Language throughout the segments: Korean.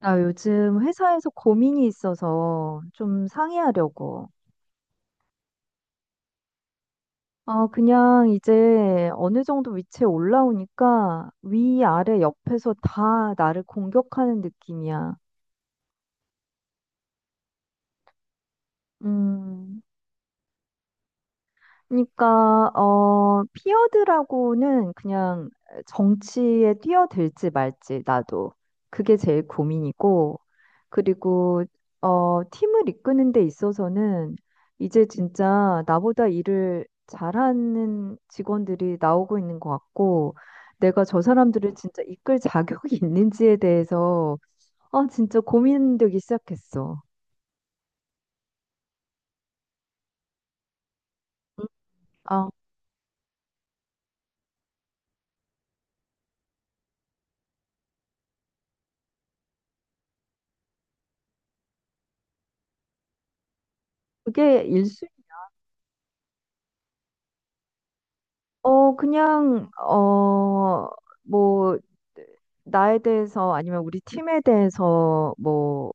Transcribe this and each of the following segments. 나 요즘 회사에서 고민이 있어서 좀 상의하려고. 아, 그냥 이제 어느 정도 위치에 올라오니까 위, 아래, 옆에서 다 나를 공격하는 느낌이야. 음, 그러니까 피어드라고는 그냥 정치에 뛰어들지 말지 나도 그게 제일 고민이고, 그리고 팀을 이끄는 데 있어서는 이제 진짜 나보다 일을 잘하는 직원들이 나오고 있는 것 같고, 내가 저 사람들을 진짜 이끌 자격이 있는지에 대해서 아 진짜 고민되기 시작했어. 아, 그게 그냥, 뭐, 나에 대해서 아니면 우리 팀에 대해서 뭐,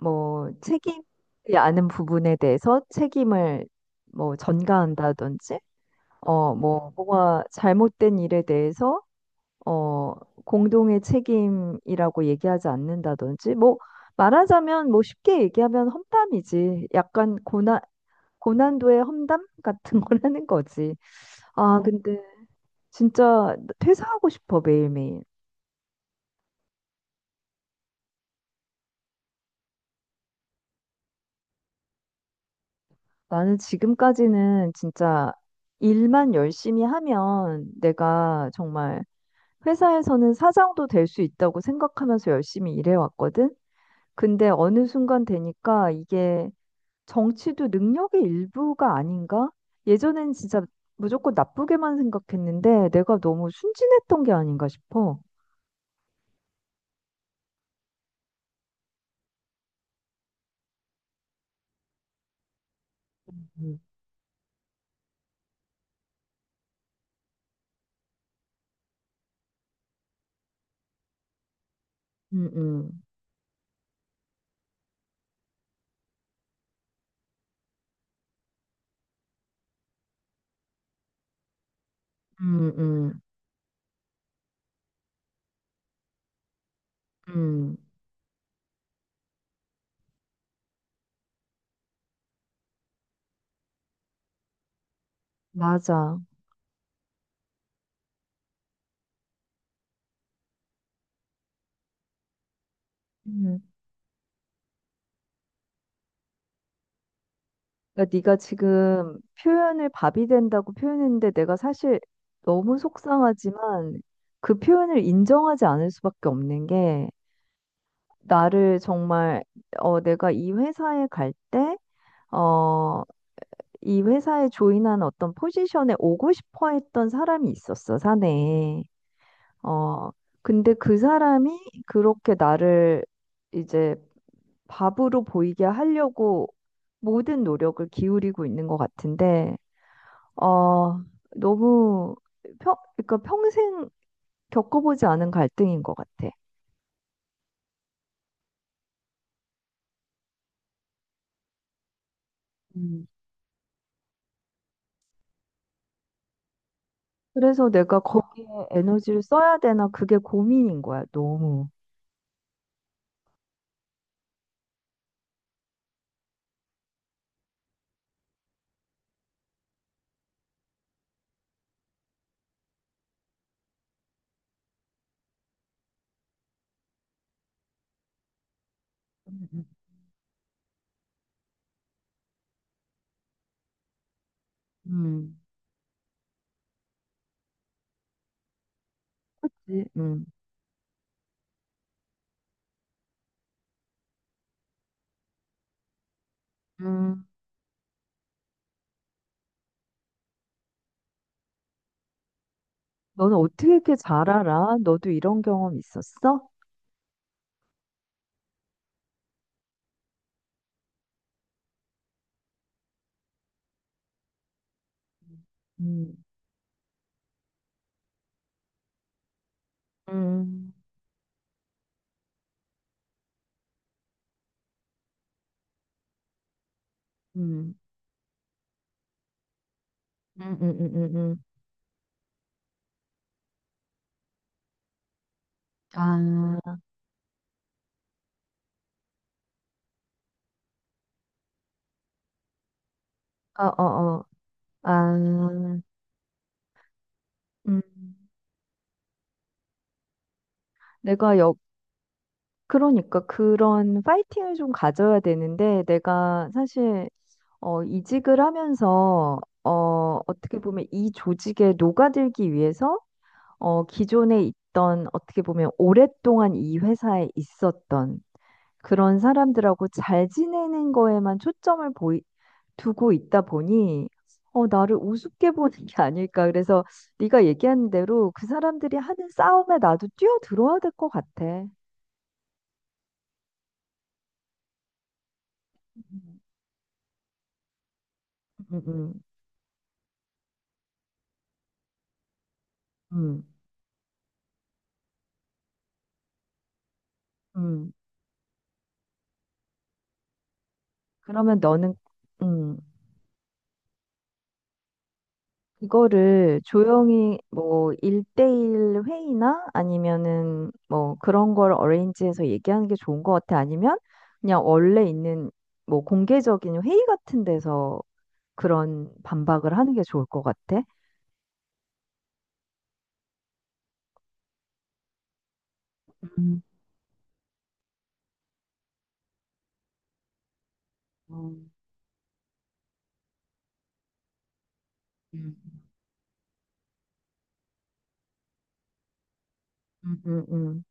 뭐, 책임이 아는 부분에 대해서 책임을 뭐 전가한다든지, 뭐, 뭐가 잘못된 일에 대해서, 어, 공동의 책임이라고 얘기하지 않는다든지, 뭐, 말하자면 뭐 쉽게 얘기하면 험담이지. 고난도의 험담 같은 걸 하는 거지. 아, 근데 진짜 퇴사하고 싶어, 매일매일. 나는 지금까지는 진짜 일만 열심히 하면 내가 정말 회사에서는 사장도 될 수 있다고 생각하면서 열심히 일해왔거든? 근데 어느 순간 되니까 이게 정치도 능력의 일부가 아닌가? 예전엔 진짜 무조건 나쁘게만 생각했는데 내가 너무 순진했던 게 아닌가 싶어. 음. 음, 음, 음, 음, 음, 맞아. 그러니까 네가 지금 표현을 밥이 된다고 표현했는데, 내가 사실 너무 속상하지만 그 표현을 인정하지 않을 수밖에 없는 게, 나를 정말 내가 이 회사에 갈 때 어 이 회사에 조인한 어떤 포지션에 오고 싶어 했던 사람이 있었어, 사내에. 어 근데 그 사람이 그렇게 나를 이제 밥으로 보이게 하려고 모든 노력을 기울이고 있는 것 같은데, 어, 너무 그러니까 평생 겪어보지 않은 갈등인 것 같아. 음, 그래서 내가 거기에 에너지를 써야 되나, 그게 고민인 거야, 너무. 음, 음, 그치? 음. 음, 음, 너는 어떻게 이렇게 잘 알아? 너도 이런 경험 있었어? 음, 음, 음, 음. 아, 어, 어, 어. 아, 음. 내가 역, 그러니까 그런 파이팅을 좀 가져야 되는데, 내가 사실 이직을 하면서, 어떻게 보면 이 조직에 녹아들기 위해서, 기존에 있던, 어떻게 보면 오랫동안 이 회사에 있었던 그런 사람들하고 잘 지내는 거에만 두고 있다 보니, 나를 우습게 보는 게 아닐까. 그래서 네가 얘기한 대로 그 사람들이 하는 싸움에 나도 뛰어들어야 될 것 같아. 음, 음, 음, 음. 음. 그러면 너는, 음. 이거를 조용히 뭐 1대1 회의나 아니면은 뭐 그런 걸 어레인지해서 얘기하는 게 좋은 것 같아. 아니면 그냥 원래 있는 뭐 공개적인 회의 같은 데서 그런 반박을 하는 게 좋을 것 같아. 음, 음, 음,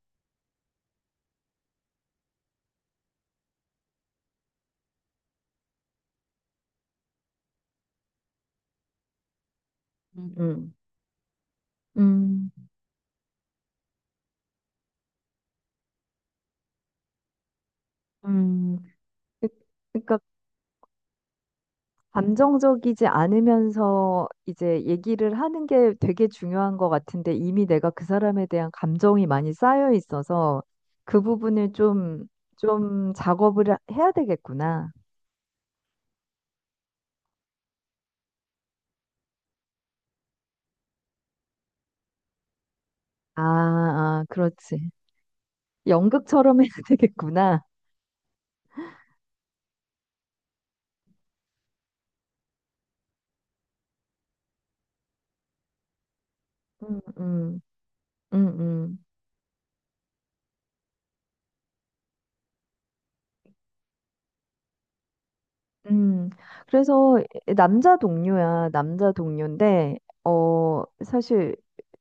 음, 음. 음, 그- 그러니까 감정적이지 않으면서 이제 얘기를 하는 게 되게 중요한 것 같은데, 이미 내가 그 사람에 대한 감정이 많이 쌓여 있어서 그 부분을 좀, 작업을 해야 되겠구나. 아, 아, 그렇지. 연극처럼 해야 되겠구나. 음, 음, 음, 음. 음, 그래서 남자 동료인데, 사실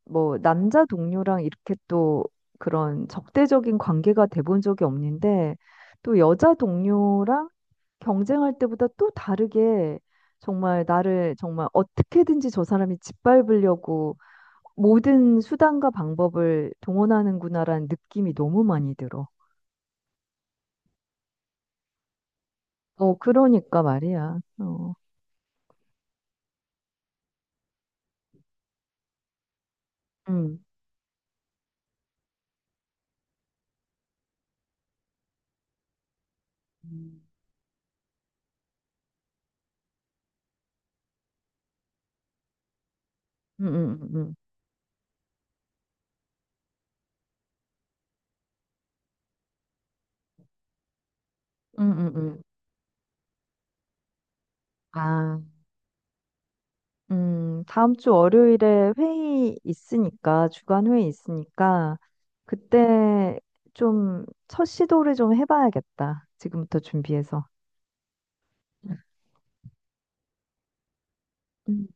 뭐 남자 동료랑 이렇게 또 그런 적대적인 관계가 돼본 적이 없는데, 또 여자 동료랑 경쟁할 때보다 또 다르게 정말 나를 정말 어떻게든지 저 사람이 짓밟으려고 모든 수단과 방법을 동원하는구나라는 느낌이 너무 많이 들어. 그러니까 말이야. 음, 음. 음, 음, 음. 응응응. 아, 다음 주 월요일에 회의 있으니까, 주간 회의 있으니까, 그때 좀 첫 시도를 좀 해봐야겠다. 지금부터 준비해서. 음,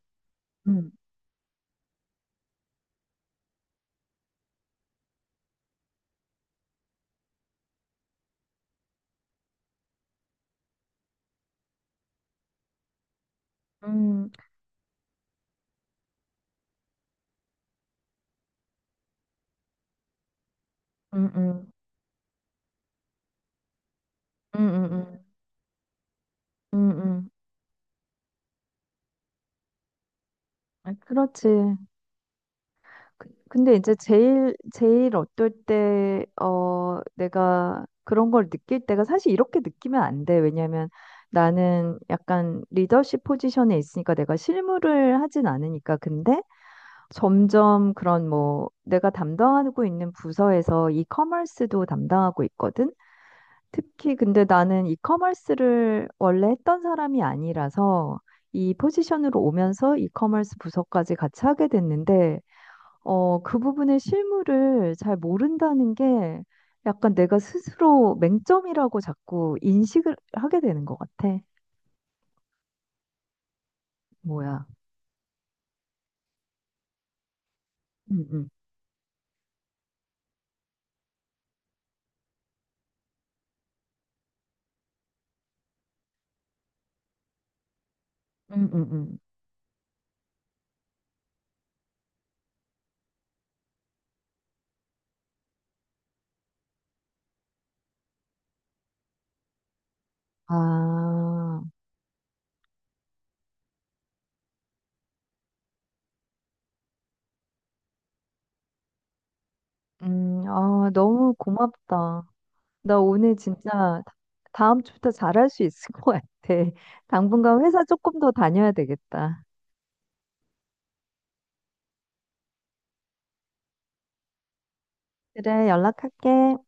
음, 음, 음, 음, 음, 음, 음, 음, 음. 아, 그렇지. 근데 이제 제일 어떨 때, 내가 그런 걸 느낄 때가 사실 이렇게 느끼면 안 돼. 왜냐면 나는 약간 리더십 포지션에 있으니까 내가 실무를 하진 않으니까. 근데 점점 그런 뭐 내가 담당하고 있는 부서에서 이커머스도 담당하고 있거든. 특히 근데 나는 이커머스를 원래 했던 사람이 아니라서 이 포지션으로 오면서 이커머스 부서까지 같이 하게 됐는데, 그 부분의 실물을 잘 모른다는 게 약간 내가 스스로 맹점이라고 자꾸 인식을 하게 되는 것 같아. 뭐야. 음, 음. 음, 음, 음. 아, 아, 너무 고맙다. 나 오늘 진짜 다음 주부터 잘할 수 있을 것 같아. 당분간 회사 조금 더 다녀야 되겠다. 그래, 연락할게.